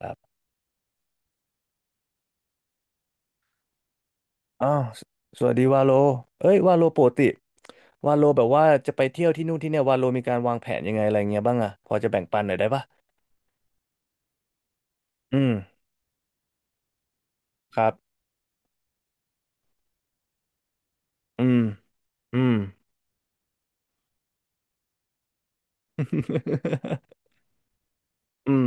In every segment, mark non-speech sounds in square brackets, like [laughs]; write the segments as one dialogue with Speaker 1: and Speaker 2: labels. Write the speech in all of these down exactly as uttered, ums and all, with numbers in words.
Speaker 1: ครับอ๋อสสวัสดีวาโลเอ้ยวาโลปกติวาโลแบบว่าจะไปเที่ยวที่นู่นที่เนี่ยวาโลมีการวางแผนยังไงอะไรเงี้ยบ้างอะพอจะแบ่งปันหน่อยได้ปะอืมครับอืมอืม [laughs] อืม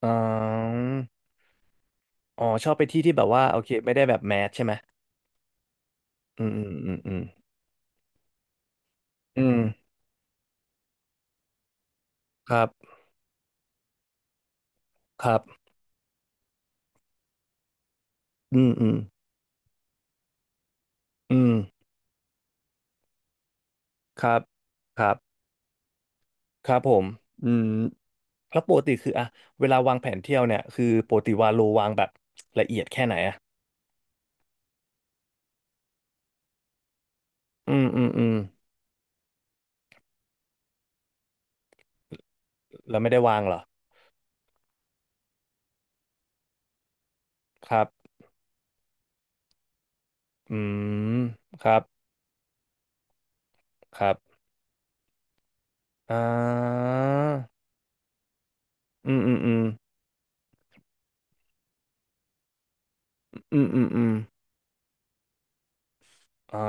Speaker 1: อ๋ออ๋อชอบไปที่ที่แบบว่าโอเคไม่ได้แบบแมสใช่ไหมอืมอืมอืมอืมอืมครับครับอืมอืมอืมครับครับครับผมอืมแล้วปกติคืออะเวลาวางแผนเที่ยวเนี่ยคือปกติวาโลวางแบบละเอียดแค่ไหนอะ อืมอืมอืมแล้วไม่ได้วางเหรอครับอืมครับครับอ่าอืมอืมอืมอืมอืมอืมอ๋อ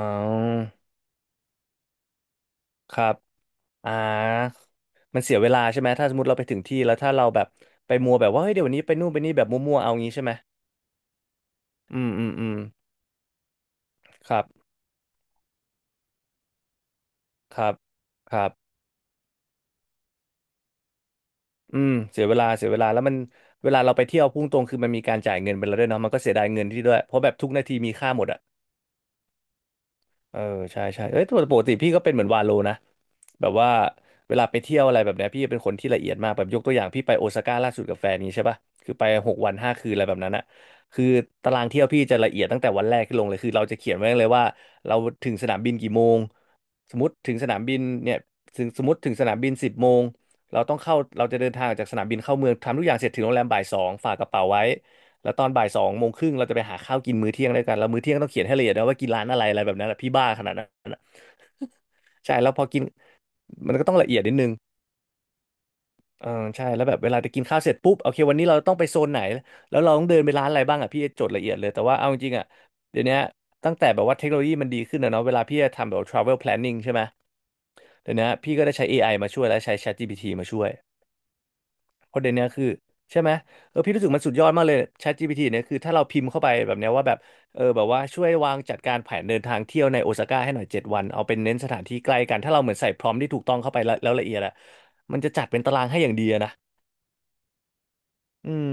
Speaker 1: ครับอ่ามันเสียเวลาใช่ไหมถ้าสมมติเราไปถึงที่แล้วถ้าเราแบบไปมัวแบบว่าเฮ้ยเดี๋ยววันนี้ไปนู่นไปนี่แบบมัวๆเอางี้ใช่ไหมอืมอืมอืมครับครับครับอืมเสียเวลาเสียเวลาแล้วมันเวลาเราไปเที่ยวพุ่งตรงคือมันมีการจ่ายเงินไปแล้วด้วยเนาะมันก็เสียดายเงินที่ด้วยเพราะแบบทุกนาทีมีค่าหมดอะ เออใช่ใช่เอ้ยแั่ปกติพี่ก็เป็นเหมือนวาโลนะแบบว่าเวลาไปเที่ยวอะไรแบบเนี้ยพี่เป็นคนที่ละเอียดมากแบบยกตัวอย่างพี่ไปโอซาก้าล่าสุดกับแฟนนี้ใช่ป่ะคือไปหกวันห้าคืนอะไรแบบนั้นอะคือตารางเที่ยวพี่จะละเอียดตั้งแต่วันแรกที่ลงเลยคือเราจะเขียนไว้เลยว่าเราถึงสนามบินกี่โมงสมมติถึงสนามบินเนี่ยถึงสมมติถึงสนามบินสิบโมงเราต้องเข้าเราจะเดินทางออกจากสนามบินเข้าเมืองทำทุกอย่างเสร็จถึงโรงแรมบ่ายสองฝากกระเป๋าไว้ แล้วตอนบ่ายสองโมงครึ่งเราจะไปหาข้าวกินมื้อเที่ยงด้วยกันแล้วมื้อเที่ยงต้องเขียนให้ละเอียดนะว่ากินร้านอะไรอะไรแบบนั้นแหละพี่บ้าขนาดนั้น [laughs] อะใช่แล้วพอกินมันก็ต้องละเอียดนิดนึงเออใช่แล้วแบบเวลาจะกินข้าวเสร็จปุ๊บโอเควันนี้เราต้องไปโซนไหนแล้วเราต้องเดินไปร้านอะไรบ้างอ่ะพี่จดละเอียดเลยแต่ว่าเอาจริงๆอ่ะเดี๋ยวนี้ตั้งแต่แบบว่าเทคโนโลยีมันดีขึ้นนะเนาะเวลาพี่จะทำแบบ travel planning ใช่ไหมเดี๋ยวนี้พี่ก็ได้ใช้เอไอมาช่วยและใช้ ChatGPT มาช่วย เพราะเดี๋ยวนี้คือใช่ไหมเออพี่รู้สึกมันสุดยอดมากเลย ChatGPT เนี่ยคือถ้าเราพิมพ์เข้าไปแบบเนี้ยว่าแบบเออแบบว่าช่วยวางจัดการแผนเดินทางเที่ยวในโอซาก้าให้หน่อยเจ็ดวันเอาเป็นเน้นสถานที่ใกล้กันถ้าเราเหมือนใส่พรอมที่ถูกต้องเข้าไปแล้วแล้วละเอียดอะมันจะจัดเป็นตารางให้อย่างดีอะนะอืม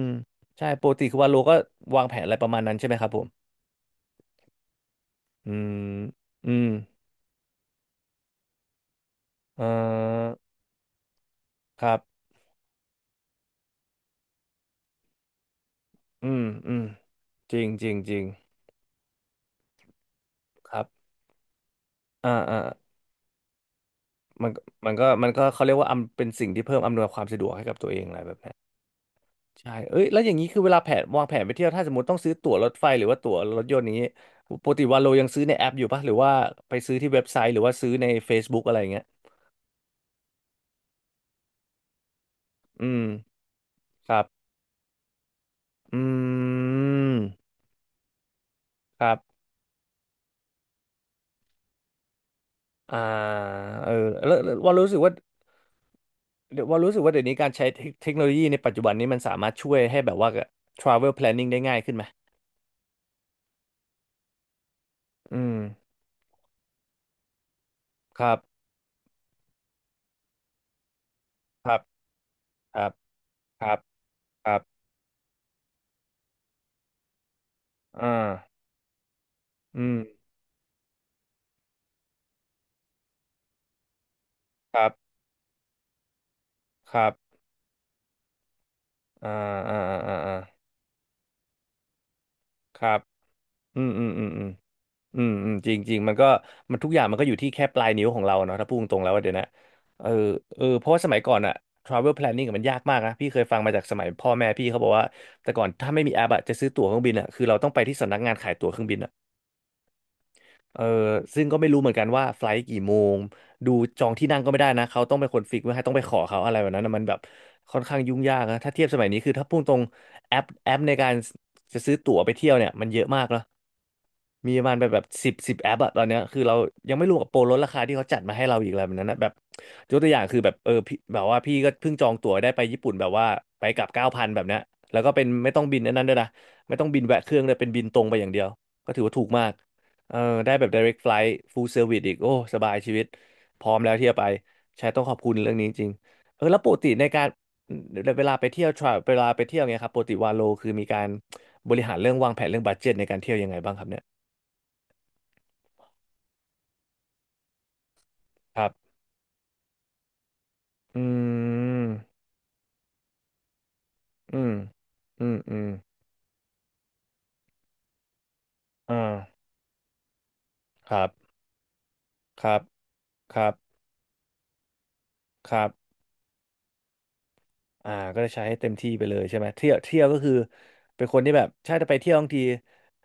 Speaker 1: ใช่ปกติคือว่าโลก็วางแผนอะไรประมาณนั้นใช่ไหมครับผมอืมอืมเอ่อครับอืมอืมจริงจริงจริงครับอ่าอ่ามันมันก็มันก็เขาเรียกว่าอำเป็นสิ่งที่เพิ่มอำนวยความสะดวกให้กับตัวเองอะไรแบบนั้น ใช่เอ้ยแล้วอย่างนี้คือเวลาแผนวางแผนไปเที่ยวถ้าสมมติต้องซื้อตั๋วรถไฟหรือว่าตั๋วรถยนต์นี้ปกติวันโลยังซื้อในแอปอยู่ปะหรือว่าไปซื้อที่เว็บไซต์หรือว่าซื้อใน Facebook อะไรอย่างเงี้ยอืมครับ อืมครับ อ่าเออแล้วแล้วว่ารู้สึกว่า เดี๋ยวว่ารู้สึกว่าเดี๋ยวนี้การใช้เทคเทคโนโลยีในปัจจุบันนี้มันสามารถช่วยให้แบบว่า travel planning ได้ง่ายขึ้นไหมอืมครับครับครับครับครับอ่าอืมครับครับอ่าอ่าอ่าอ่าครับ อืมอืมอืมอืมอืมอืมจริงจริงมันก็มันทุกอย่างมันก็อยู่ที่แค่ปลายนิ้วของเราเนาะถ้าพูดตรงๆแล้วว่าเดี๋ยวนะเออเออเพราะว่าสมัยก่อนอะ travel planning อะมันยากมากนะพี่เคยฟังมาจากสมัยพ่อแม่พี่เขาบอกว่าแต่ก่อนถ้าไม่มีแอปอะจะซื้อตั๋วเครื่องบินอะคือเราต้องไปที่สำนักงานขายตั๋วเครื่องบินอะเออซึ่งก็ไม่รู้เหมือนกันว่าไฟล์กี่โมงดูจองที่นั่งก็ไม่ได้นะเขาต้องเป็นคนฟิกไว้ให้ต้องไปขอเขาอะไรแบบนั้นนะมันแบบค่อนข้างยุ่งยากนะถ้าเทียบสมัยนี้คือถ้าพูดตรงแอปแอปในการจะซื้อตั๋วไปเที่ยวเนี่ยมันเยอะมากแล้ว มีประมาณแบบแบบสิบสิบแอปอะตอนเนี้ยคือเรายังไม่รวมกับโปรลดราคาที่เขาจัดมาให้เราอีกอะไรแบบนั้นนะแบบยกตัวอย่างคือแบบเออพี่แบบว่าพี่ก็เพิ่งจองตั๋วได้ไปญี่ปุ่นแบบว่าไปกลับเก้าพันแบบเนี้ยแล้วก็เป็นไม่ต้องบินอันนั้นด้วยนะไม่ต้องบินแวะเครื่องเลยเป็นบินตรงไปอย่างเดียวก็ถือว่าถูกมากเออได้แบบ ไดเร็คไฟลท์ ฟูลเซอร์วิส อีกโอ้สบายชีวิตพร้อมแล้วที่จะไปใช่ต้องขอบคุณเรื่องนี้จริงๆเออแล้วปกติในการเวลาไปเที่ยวทราเวลาไปเที่ยวเงี้ยครับปกติวาโลคือมีการบริหารเรื่องวางแผนเรื่องบัดเจ็ตในการเที่ยวยังไงบ้างครับเนี่ย ครับอืมอืมอืมอืมอ่าครับครับครับครับอ่าก็จะใช้ให้เต็มที่ไปเลยใช่ไหมเที่ยวเที่ยวก็คือเป็นคนที่แบบ ใช่ถ้าไปเที่ยวบางที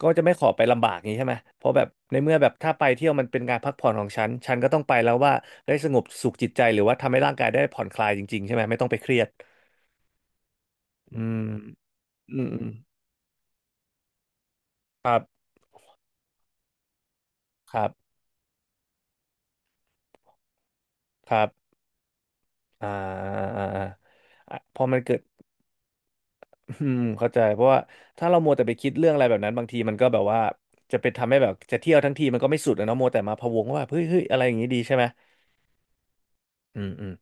Speaker 1: ก็จะไม่ขอไปลำบากอย่างนี้ใช่ไหมเพราะแบบในเมื่อแบบถ้าไปเที่ยวมันเป็นการพักผ่อนของฉันฉันก็ต้องไปแล้วว่าได้สงบสุขจิตใจหรือว่าทำให้ร่างกายได้ผ่อนคลายจริงๆใช่ไหมไม่ต้องไปเครียดอืมอืมอืมครับครับครับอ่าอ่าอ่าอ่าพอมันเกิด อืมเข้าใจเพราะว่าถ้าเรามัวแต่ไปคิดเรื่องอะไรแบบนั้นบางทีมันก็แบบว่าจะไปทำให้แบบจะเที่ยวทั้งทีมันก็ไม่สุดนะเนาะมัวแต่มาพะวงว่าเฮ้ยเฮ้ยอะไรอย่างนี้ดีใช่ไหมอืมอืม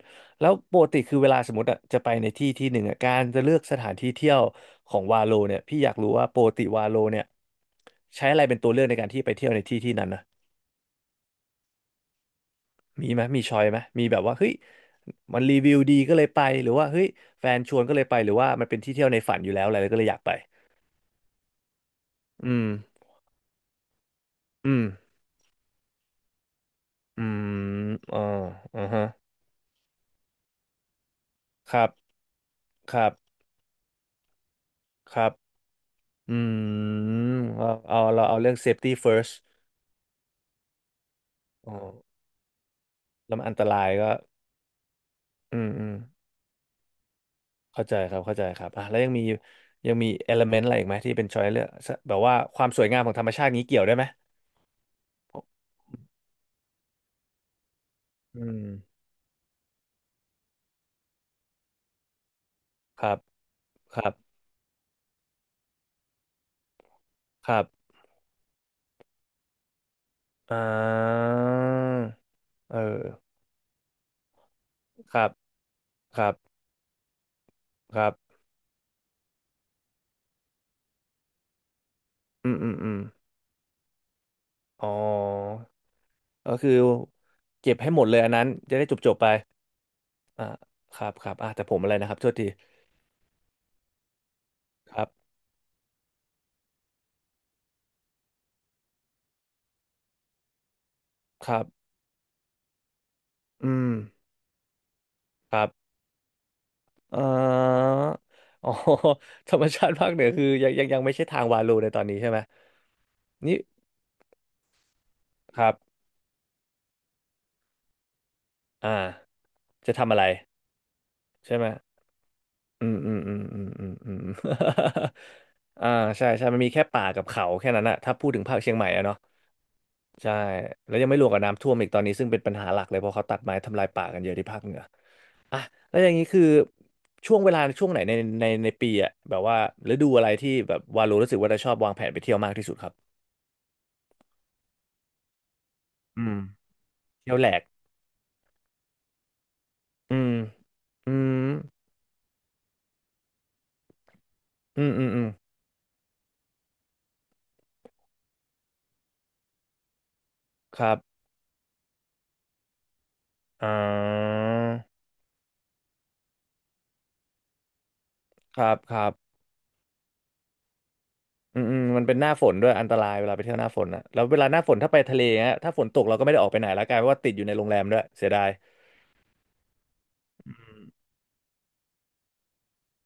Speaker 1: แล้วปกติคือเวลาสมมติอะจะไปในที่ที่หนึ่งอะการจะเลือกสถานที่เที่ยวของวาโลเนี่ยพี่อยากรู้ว่าปกติวาโลเนี่ยใช้อะไรเป็นตัวเลือกในการที่ไปเที่ยวในที่ที่นั้นนะมีไหมมีชอยไหมมีแบบว่าเฮ้ยมันรีวิวดีก็เลยไปหรือว่าเฮ้ยแฟนชวนก็เลยไปหรือว่ามันเป็นที่เที่ยวในฝันอยู่แล้วอะไรก็เลยอยากไปอืมอืม อืมอ๋ออ่าฮะครับครับครับอืมเราเอาเราเอาเรื่อง เซฟตี้เฟิร์สท์ อ๋อแล้วมันอันตรายก็ อืมอืมเข้าใจครับเข้าใจครับอ่ะแล้วยังมียังมี เอเลเมนท์ อะไรอีกไหมที่เป็น ชอยส์ เลือกแบบว่าความสวยงามของธรรมชาตินี้เกี่ยวได้ไหม อืมครับครับครับอ่าเออครับครับครับ อืมอืมอืมอ๋อ ก็คือเก็บให้หมดเลยอันนั้นจะได้จบจบไป อ่าครับครับอ่าแต่ผมอะไรนะครับโทษทีครับครับอืมครับเอ่อ [laughs] อ๋อ [laughs] ธรรมชาติภาคเหนือคือยังยังยังไม่ใช่ทางวาลูในตอนนี้ใช่ไหมนี่ครับอ่าจะทำอะไรใช่ไหมอืมอืมอืมอืมอืมอืม [laughs] อ่าใช่ใช่มันมีแค่ป่ากับเขาแค่นั้นอะถ้าพูดถึงภาคเชียงใหม่อะเนาะ ใช่แล้วยังไม่รวมกับน้ำท่วมอีกตอนนี้ซึ่งเป็นปัญหาหลักเลยเพราะเขาตัดไม้ทำลายป่ากันเยอะที่ภาคเหนืออ่ะแล้วอย่างนี้คือช่วงเวลาช่วงไหนในในในปีอ่ะแบบว่าฤดูอะไรที่แบบวาโลรู้สึกว่าจะชอบวางแผนไปเที่ยวมากที่สุดครับอืมเที่ยวแหลกอืมอืมอืมอืมอืมครับอ่าครับครับอืมอืมมันเป็นหน้าฝนด้วยอันตรายเวลาไปเที่ยวหน้าฝนนะแล้วเวลาหน้าฝนถ้าไปทะเลเงี้ยถ้าฝนตกเราก็ไม่ได้ออกไปไหนแล้วกลายเป็นว่าติดอยู่ในโรงแรมด้วยเสียดาย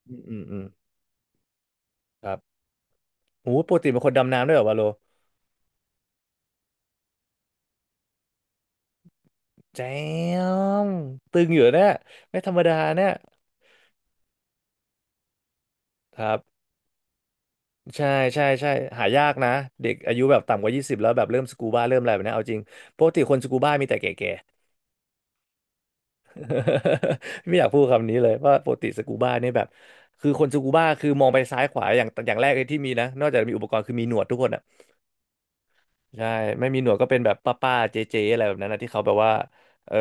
Speaker 1: อืมอืมอืมครับ โอ้ปกติเป็นคนดำน้ำด้วยเหรอวะโลแจมตึงอยู่เนี่ยไม่ธรรมดาเนี่ยครับใช่ใช่ใช่หายากนะเด็กอายุแบบต่ำกว่ายี่สิบแล้วแบบเริ่มสกูบ้าเริ่มอะไรแบบเนี้ยเอาจริงปกติคนสกูบ้ามีแต่แก่ๆ [laughs] ไม่อยากพูดคำนี้เลยว่าปกติสกูบ้านี่แบบคือคนสกูบ้าคือมองไปซ้ายขวาอย่างอย่างแรกเลยที่มีนะนอกจากมีอุปกรณ์คือมีหนวดทุกคนอะ ใช่ไม่มีหนวดก็เป็นแบบป้าๆเจ๊ๆอะไรแบบนั้นนะที่เขาแบบว่าเออ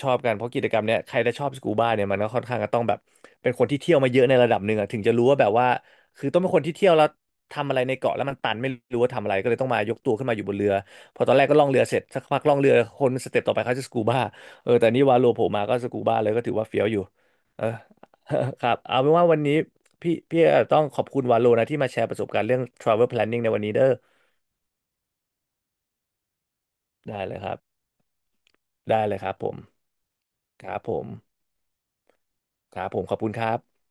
Speaker 1: ชอบกันเพราะกิจกรรมเนี้ยใครจะชอบสกูบ้าเนี่ยมันก็ค่อนข้างจะต้องแบบเป็นคนที่เที่ยวมาเยอะในระดับหนึ่งอะถึงจะรู้ว่าแบบว่าคือต้องเป็นคนที่เที่ยวแล้วทำอะไรในเกาะแล้วมันตันไม่รู้ว่าทำอะไรก็เลยต้องมายกตัวขึ้นมาอยู่บนเรือพอตอนแรกก็ล่องเรือเสร็จสักพักล่องเรือคนสเต็ปต่อไปเขาจะสกูบ้าเออแต่นี่วาโลโผล่มาก็สกูบ้าเลยก็ถือว่าเฟี้ยวอยู่เออ [laughs] ครับเอาเป็นว่าวันนี้พี่พี่ต้องขอบคุณวาโลนะที่มาแชร์ประสบการณ์เรื่อง ทราเวลแพลนนิ่ง ในวันนี้เด้อได้เลยครับ ได้เลยครับผม ครับผม ครับผม ขอบคุณครับ